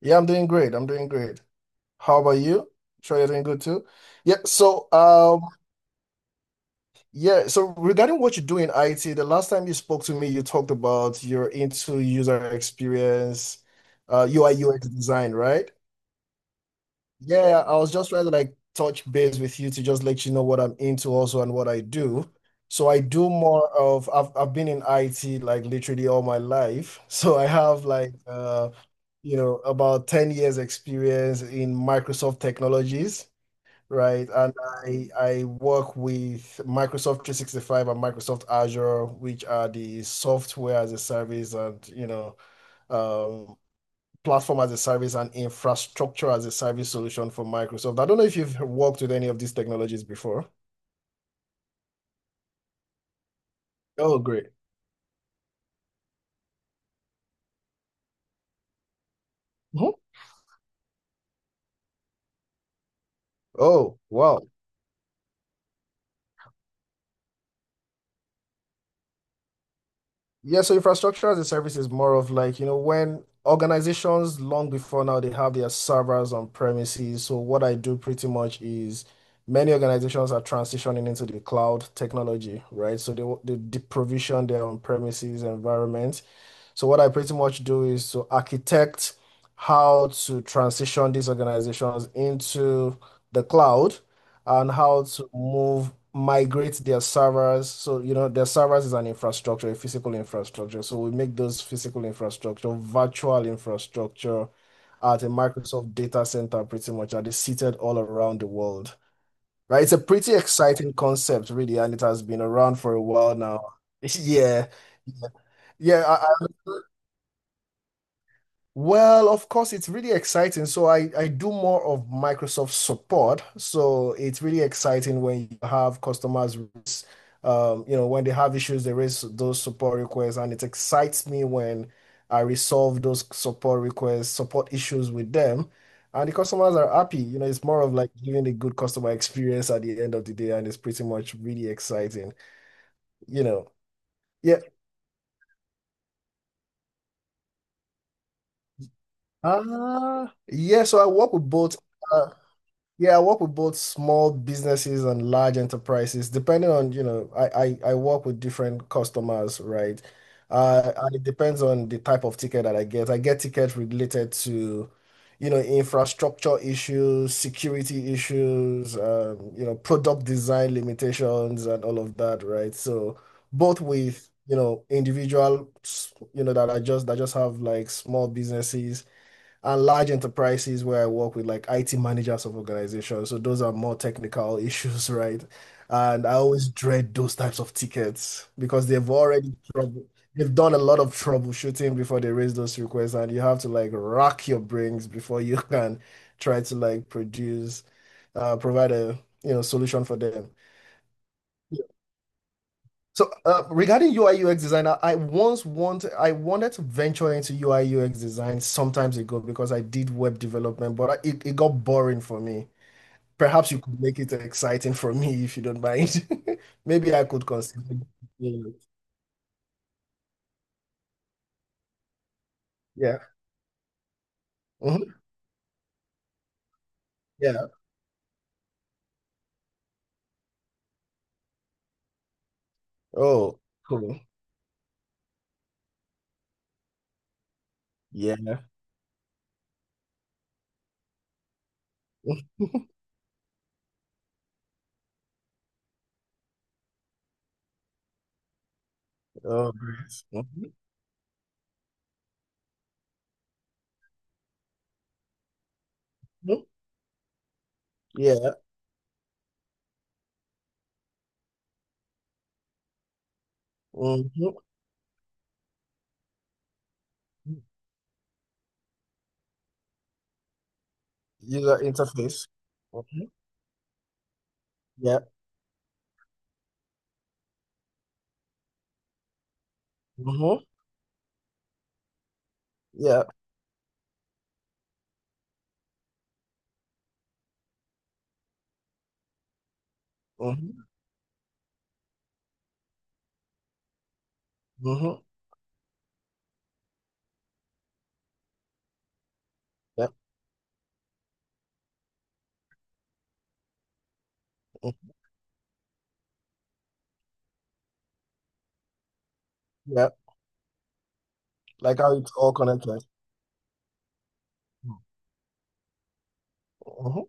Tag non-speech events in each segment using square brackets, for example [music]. Yeah, I'm doing great. I'm doing great. How about you? Sure, you're doing good too. Yeah, so um yeah, so regarding what you do in IT, the last time you spoke to me, you talked about you're into user experience, UI UX design, right? Yeah, I was just trying to like touch base with you to just let you know what I'm into also and what I do. So I do more of I've been in IT like literally all my life. [laughs] So I have you know about 10 years experience in Microsoft technologies, right? And I work with Microsoft 365 and Microsoft Azure, which are the software as a service and um platform as a service and infrastructure as a service solution for Microsoft. I don't know if you've worked with any of these technologies before. Oh, great. Mhm. Oh, wow. Yeah, so infrastructure as a service is more of like, you know, when organizations long before now they have their servers on premises. So what I do pretty much is many organizations are transitioning into the cloud technology, right? So they provision their on premises environment. So what I pretty much do is to architect how to transition these organizations into the cloud and how to move, migrate their servers. So, you know, their servers is an infrastructure, a physical infrastructure. So we make those physical infrastructure, virtual infrastructure at a Microsoft data center pretty much, and they're seated all around the world. Right? It's a pretty exciting concept, really, and it has been around for a while now. [laughs] Yeah. Yeah, Yeah, I well, of course, it's really exciting. So I do more of Microsoft support. So it's really exciting when you have customers, you know, when they have issues, they raise those support requests, and it excites me when I resolve those support requests, support issues with them, and the customers are happy. You know, it's more of like giving a good customer experience at the end of the day, and it's pretty much really exciting. You know, yeah. Ah, yeah. So I work with both. uh, Yeah, I work with both small businesses and large enterprises, depending on, you know, I work with different customers, right? And it depends on the type of ticket that I get. I get tickets related to, you know, infrastructure issues, security issues, you know, product design limitations and all of that, right? So both with, you know, individual, you know, that are just that just have like small businesses and large enterprises where I work with like IT managers of organizations. So those are more technical [laughs] issues, right? And I always dread those types of tickets because they've already trouble. They've done a lot of troubleshooting before they raise those requests, and you have to like rack your brains before [laughs] you can try to provide a you know solution for them. So regarding UI UX design, I wanted to venture into UI UX design sometimes ago because I did web development, but it got boring for me. Perhaps you could make it exciting for me if you don't mind. [laughs] Maybe I could consider it. Yeah. Mhm. Yeah. Oh, cool. Yeah. [laughs] Oh, great. Mhm. Mhm. Yeah. Mhm. User interface. Mhm. Yeah. Mhm. Yeah. Mhm. Mhm. Yeah. Mhm. Like how it's all connected. Mhm.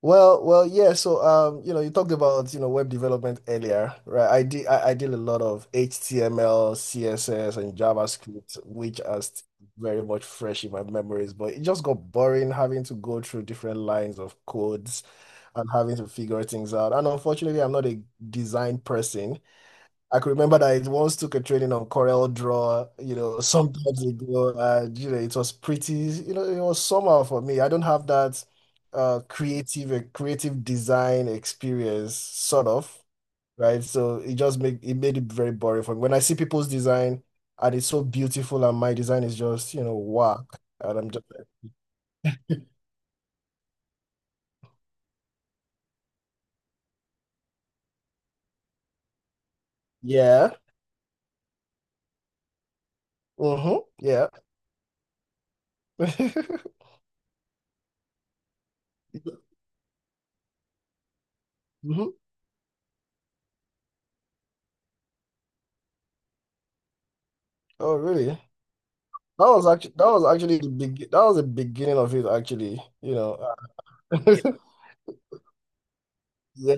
Well, yeah. So, you know, you talked about, you know, web development earlier, right? I did a lot of HTML, CSS, and JavaScript, which are very much fresh in my memories, but it just got boring having to go through different lines of codes and having to figure things out. And unfortunately, I'm not a design person. I could remember that it once took a training on Corel Draw, you know, some times ago, and you know, it was pretty, you know, it was somehow for me. I don't have that creative creative design experience, sort of, right? So it just make it made it very boring for me. When I see people's design and it's so beautiful and my design is just, you know, whack. And I'm just like, yeah, mm-hmm, yeah. [laughs] Mhm. Oh, really? That was the beginning of it actually, you know. [laughs] Yeah.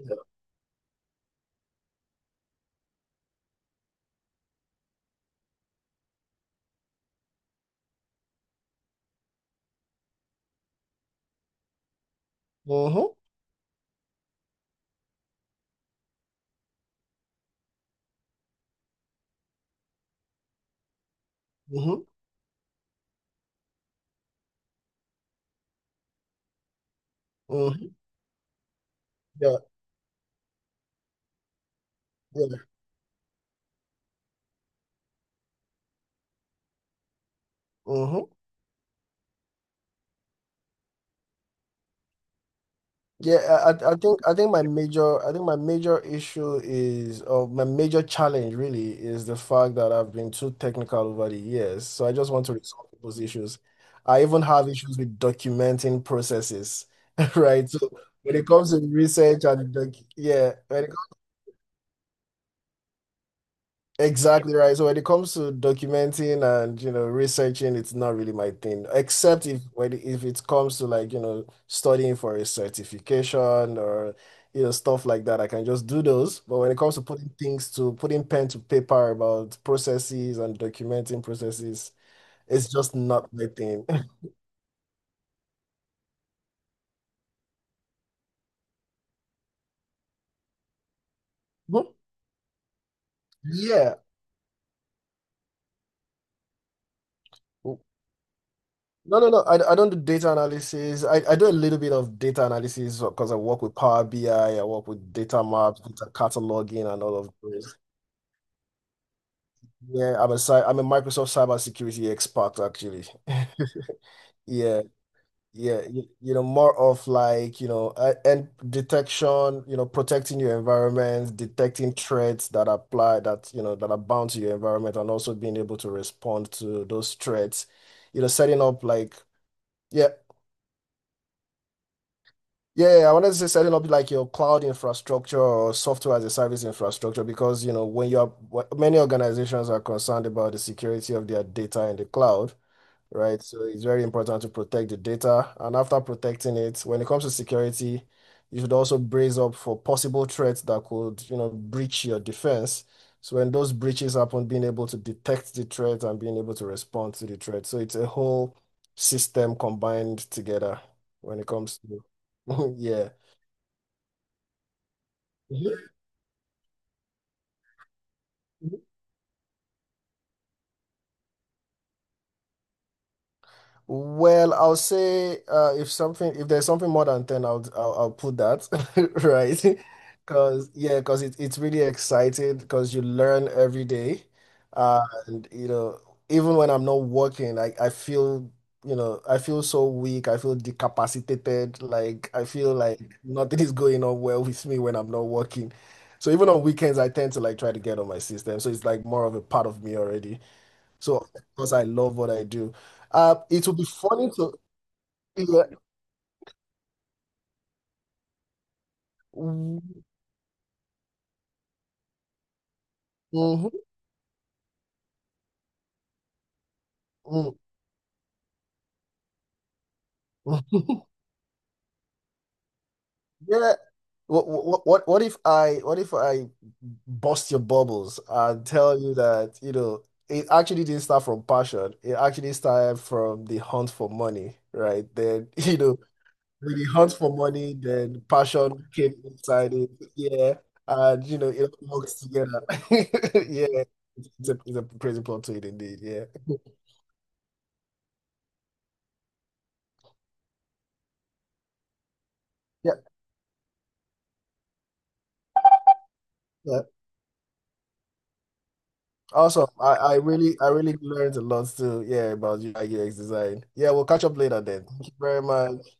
Mm-hmm. Mm-hmm. Mm-hmm. Yeah. Yeah. Mm-hmm. I think my major I think my major issue is, or my major challenge really is, the fact that I've been too technical over the years. So I just want to resolve those issues. I even have issues with documenting processes, [laughs] right? So when it comes to research and doc, yeah, when it Exactly right. So when it comes to documenting and you know researching, it's not really my thing. Except if it comes to like you know studying for a certification or you know stuff like that, I can just do those. But when it comes to putting pen to paper about processes and documenting processes, it's just not my thing. [laughs] Mhm. Yeah. No, no, no. I don't do data analysis. I do a little bit of data analysis because I work with Power BI, I work with data maps, data cataloging, and all of those. Yeah, I'm a I'm a Microsoft cybersecurity expert actually. [laughs] Yeah, yeah. You know, more of like, you know, and detection, you know, protecting your environment, detecting threats that apply that, you know, that are bound to your environment and also being able to respond to those threats. You know, setting up like, yeah. Yeah, yeah, I wanted to say setting up like your cloud infrastructure or software as a service infrastructure because you know many organizations are concerned about the security of their data in the cloud, right? So it's very important to protect the data. And after protecting it, when it comes to security, you should also brace up for possible threats that could, you know, breach your defense. So when those breaches happen, being able to detect the threat and being able to respond to the threat. So it's a whole system combined together when it comes to, [laughs] yeah. Mhm. Well, I'll say if there's something more than 10, I'll put that [laughs] right, because yeah, because it's really exciting because you learn every day, uh, and you know even when I'm not working, I feel you know I feel so weak, I feel decapacitated, like I feel like nothing is going on well with me when I'm not working. So even on weekends, I tend to like try to get on my system. So it's like more of a part of me already. So, because I love what I do, it would be funny to, yeah, Mhm, mhm, mm, mhm. [laughs] Yeah. What if I bust your bubbles and tell you that, you know, it actually didn't start from passion. It actually started from the hunt for money, right? Then, [laughs] you know, when the hunt for money, then passion came inside it. Yeah. And, you know, it all works together. [laughs] Yeah. It's a crazy plot to it indeed. Yeah. Yeah. Awesome. I really learned a lot too. Yeah, about UI UX design. Yeah, we'll catch up later then. Thank you very much.